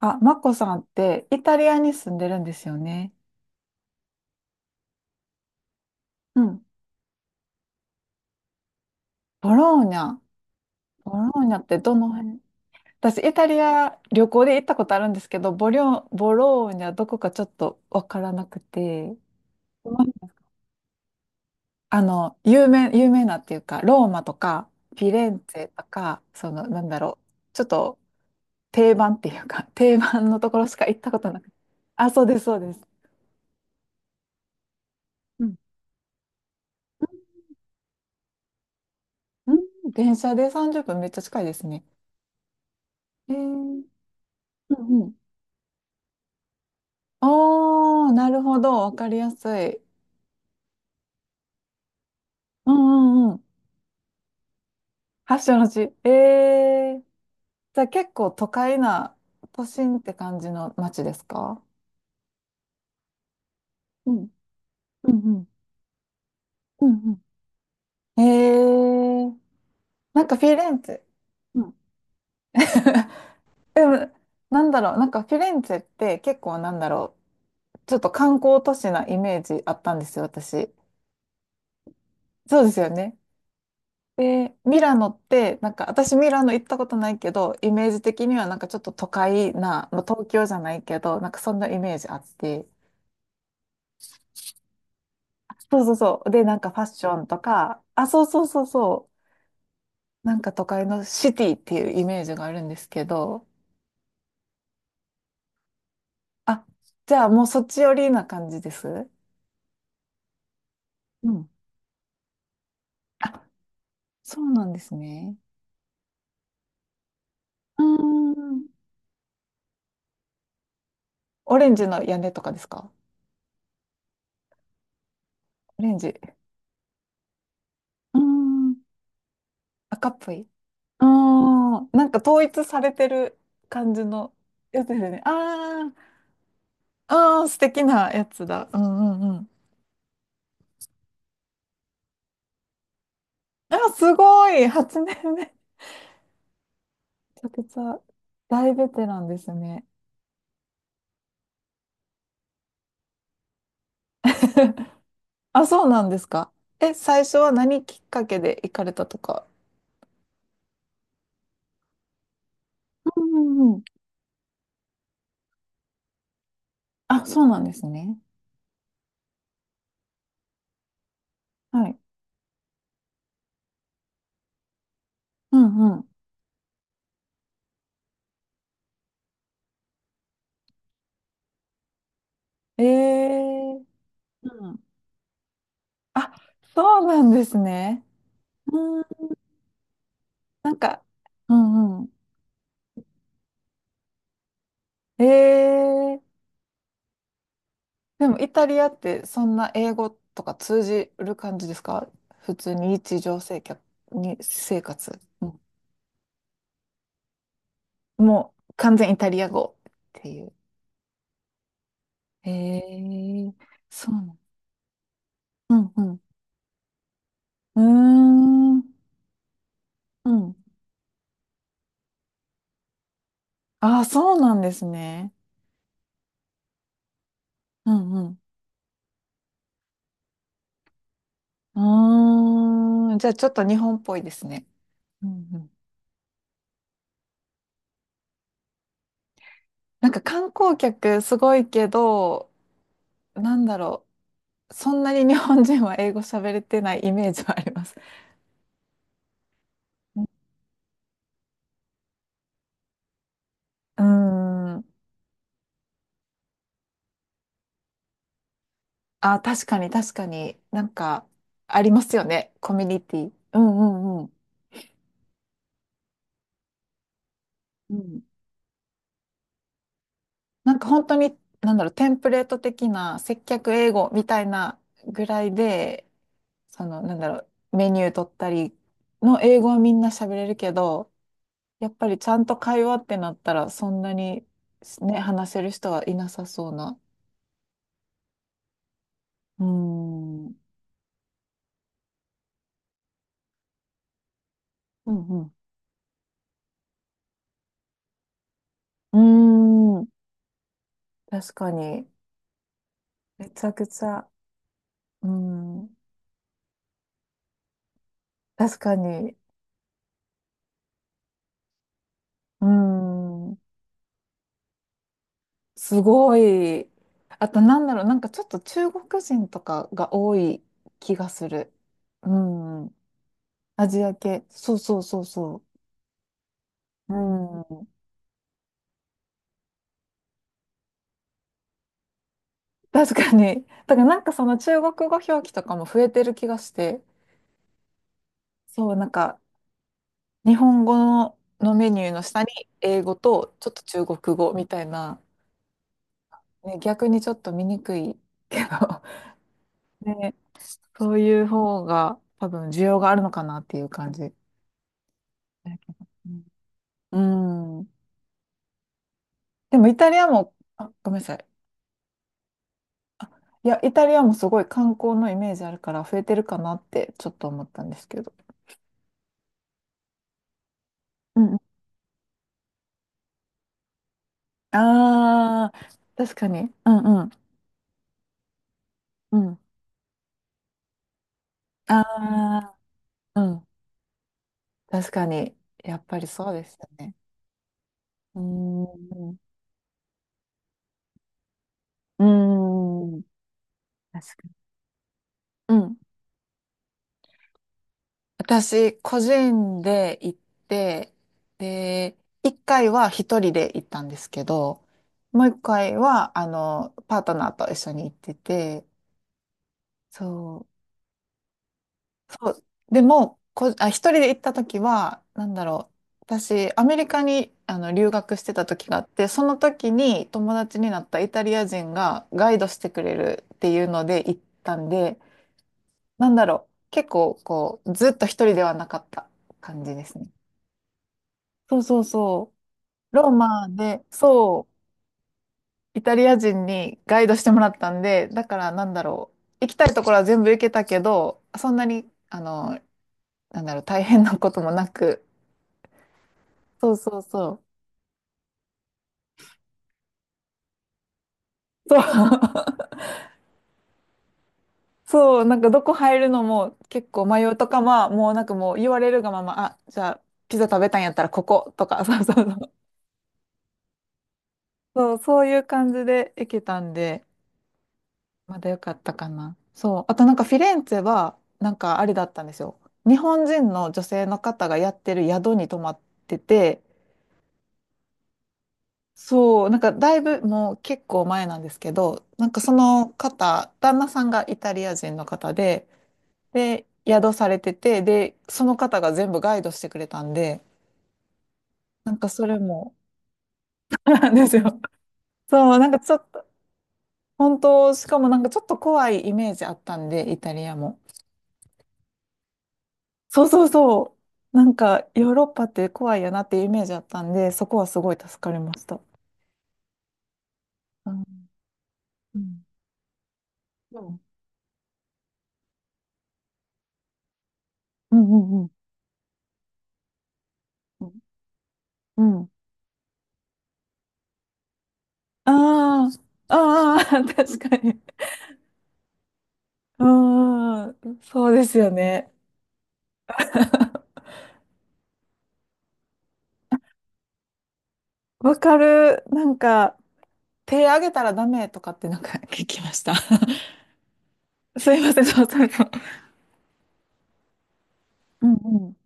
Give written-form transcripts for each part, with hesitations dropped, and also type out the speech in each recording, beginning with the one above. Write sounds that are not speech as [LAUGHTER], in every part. あ、マコさんってイタリアに住んでるんですよね。うん。ボローニャ。ボローニャってどの辺？私、イタリア旅行で行ったことあるんですけど、ボリョ、ボローニャどこかちょっとわからなくて、有名なっていうか、ローマとか、フィレンツェとか、ちょっと定番っていうか、定番のところしか行ったことなくて。あ、そうです、そうです。うん。うん、電車で30分めっちゃ近いですね。えー、うんうんおー、なるほど。わかりやすい。うんうんうん。発祥の地。ええ。じゃあ結構都会な、都心って感じの街ですか？うん。うんうん。うんうんええ。なんかフィレンツェ、うん、なんかフィレンツェって結構ちょっと観光都市なイメージあったんですよ、私。そうですよね。で、ミラノって、なんか私ミラノ行ったことないけど、イメージ的にはなんかちょっと都会な、まあ、東京じゃないけど、なんかそんなイメージあって。そうそうそう。で、なんかファッションとか、あ、そうそうそうそう。なんか都会のシティっていうイメージがあるんですけど、あ、じゃあもうそっち寄りな感じです。うん。あ、そうなんですね。うーん。オレンジの屋根とかですか？オレンジ。うーん。赤っぽい。ああ、なんか統一されてる感じのやつですよね。ああああ素敵なやつだ。うんうんうん。あ、すごい！ 8 年目。めちゃくちゃ大ベテランですね。[LAUGHS] あ、そうなんですか。え、最初は何きっかけで行かれたとか。うんうんうん。あ、そうなんですね。はい。うんうん。ええ。うん。あ、そうなんですね。うん、なんか、うんうん。ええ。でもイタリアってそんな英語とか通じる感じですか？普通に日常生活、に生活。うん。もう完全イタリア語っていう。へえ、そうなん。うんうん。うーん。うん。ああ、そうなんですね。うんうん。うーん。じゃあちょっと日本っぽいですね。うんうん。なんか観光客すごいけど、なんだろそんなに日本人は英語喋れてないイメージはあります。うーん。あ、確かに確かに、なんかありますよね。コミュニティ。うんうんうん。うん。なんか本当に、テンプレート的な接客英語みたいなぐらいで、その、なんだろメニュー取ったりの英語はみんな喋れるけど、やっぱりちゃんと会話ってなったらそんなに、ね、話せる人はいなさそうな。うーん。うんうん。うーん。確かに。めちゃくちゃ。うーん。確かに。うん。すごい。あと、なんかちょっと中国人とかが多い気がする。うん。アジア系。そうそうそうそう。うん。確かに。だからなんかその中国語表記とかも増えてる気がして。そう、なんか日本語の、のメニューの下に英語とちょっと中国語みたいな。ね、逆にちょっと見にくいけど。ね、そういう方が多分需要があるのかなっていう感じ。だけど。うん。うん。でもイタリアも、あ、ごめんなさい。あ、いや、イタリアもすごい観光のイメージあるから増えてるかなってちょっと思ったんですけど。うんうん。ああ、確かに。うんうん。うん。ああ、うん。確かに。やっぱりそうですよね。うーん。うーん。確かに。うん。私、個人で行って、で、一回は一人で行ったんですけど、もう一回は、あの、パートナーと一緒に行ってて、そう、そう、でも、一人で行った時は、私、アメリカに、あの、留学してた時があって、その時に友達になったイタリア人がガイドしてくれるっていうので行ったんで、結構、こう、ずっと一人ではなかった感じですね。そうそうそう。ローマで、そう、イタリア人にガイドしてもらったんで、だから行きたいところは全部行けたけど、そんなに、大変なこともなく、そうそうそう、そう、[LAUGHS] そう、なんかどこ入るのも結構迷うとか、まあ、もうなんかもう言われるがまま、あ、じゃあ、ピザ食べたんやったらこことか、そうそうそう、そう、そういう感じで行けたんで、まだよかったかな。そう。あとなんかフィレンツェは、なんかあれだったんですよ。日本人の女性の方がやってる宿に泊まってて、そう、なんかだいぶもう結構前なんですけど、なんかその方、旦那さんがイタリア人の方で、で、宿されてて、で、その方が全部ガイドしてくれたんで、なんかそれも、[LAUGHS] なんですよ。そう、なんかちょっと、本当、しかもなんかちょっと怖いイメージあったんで、イタリアも。そうそうそう。なんか、ヨーロッパって怖いやなっていうイメージあったんで、そこはすごい助かりました。うん。うん。そうんうんうんうん。うん。あーあー、[LAUGHS] 確かに。うん、そうですよね。[LAUGHS] わかる。なんか、手あげたらダメとかってなんか聞きました。[LAUGHS] すいません、そうそうそう。うんうん。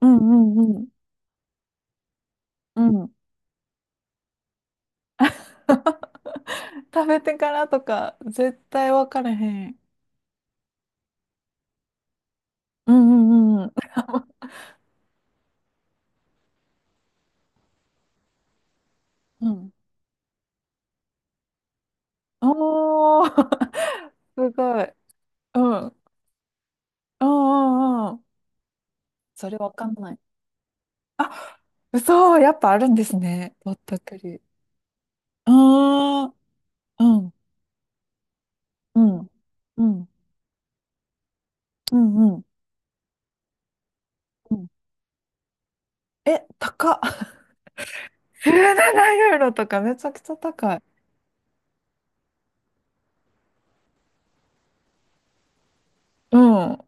うんうんうん。うん。[LAUGHS] 食べてからとか、絶対わからへん。うんうんうんうん。うん。おー、[LAUGHS] すごい。うん。うんうんうん。それわかんない。あ、嘘、やっぱあるんですね。ぼったくり。うーん。うん。うん。うん。うん。うんうん。え、高っ。[LAUGHS] 17ユーロとかめちゃくちゃ高い。うん。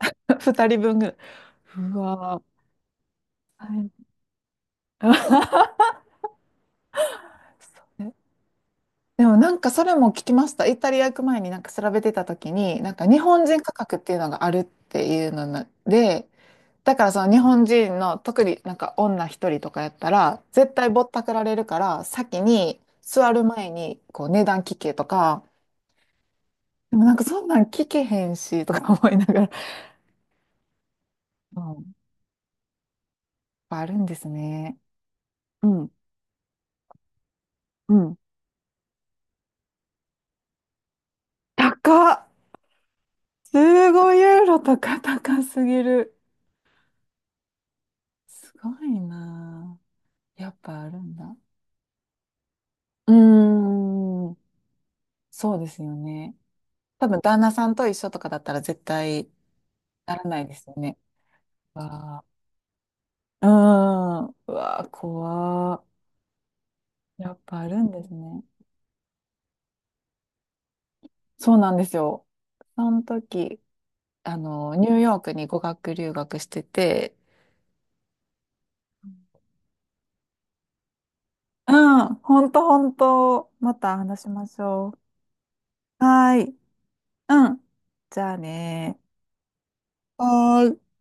[LAUGHS] 2人分ぐらい。うわー。はい。 [LAUGHS] でもなんかそれも聞きました。イタリア行く前になんか調べてた時に、なんか日本人価格っていうのがあるっていうのなで、だからその日本人の特になんか女一人とかやったら絶対ぼったくられるから先に座る前にこう値段聞けとか、でもなんかそんなん聞けへんしとか思いながら、うん、やっぱあるんですね。うんうん。高っ。15ユーロとか高すぎる。すごいな。ぁやっぱあるんだ。うーん、そうですよね。多分旦那さんと一緒とかだったら絶対ならないですよね。わ、うん。うわー、怖ー。やっぱあるんですね。そうなんですよ。その時、あの、ニューヨークに語学留学してて、うん、ほんとほんと、また話しましょう。はーい。うん。じゃあねー。はーい。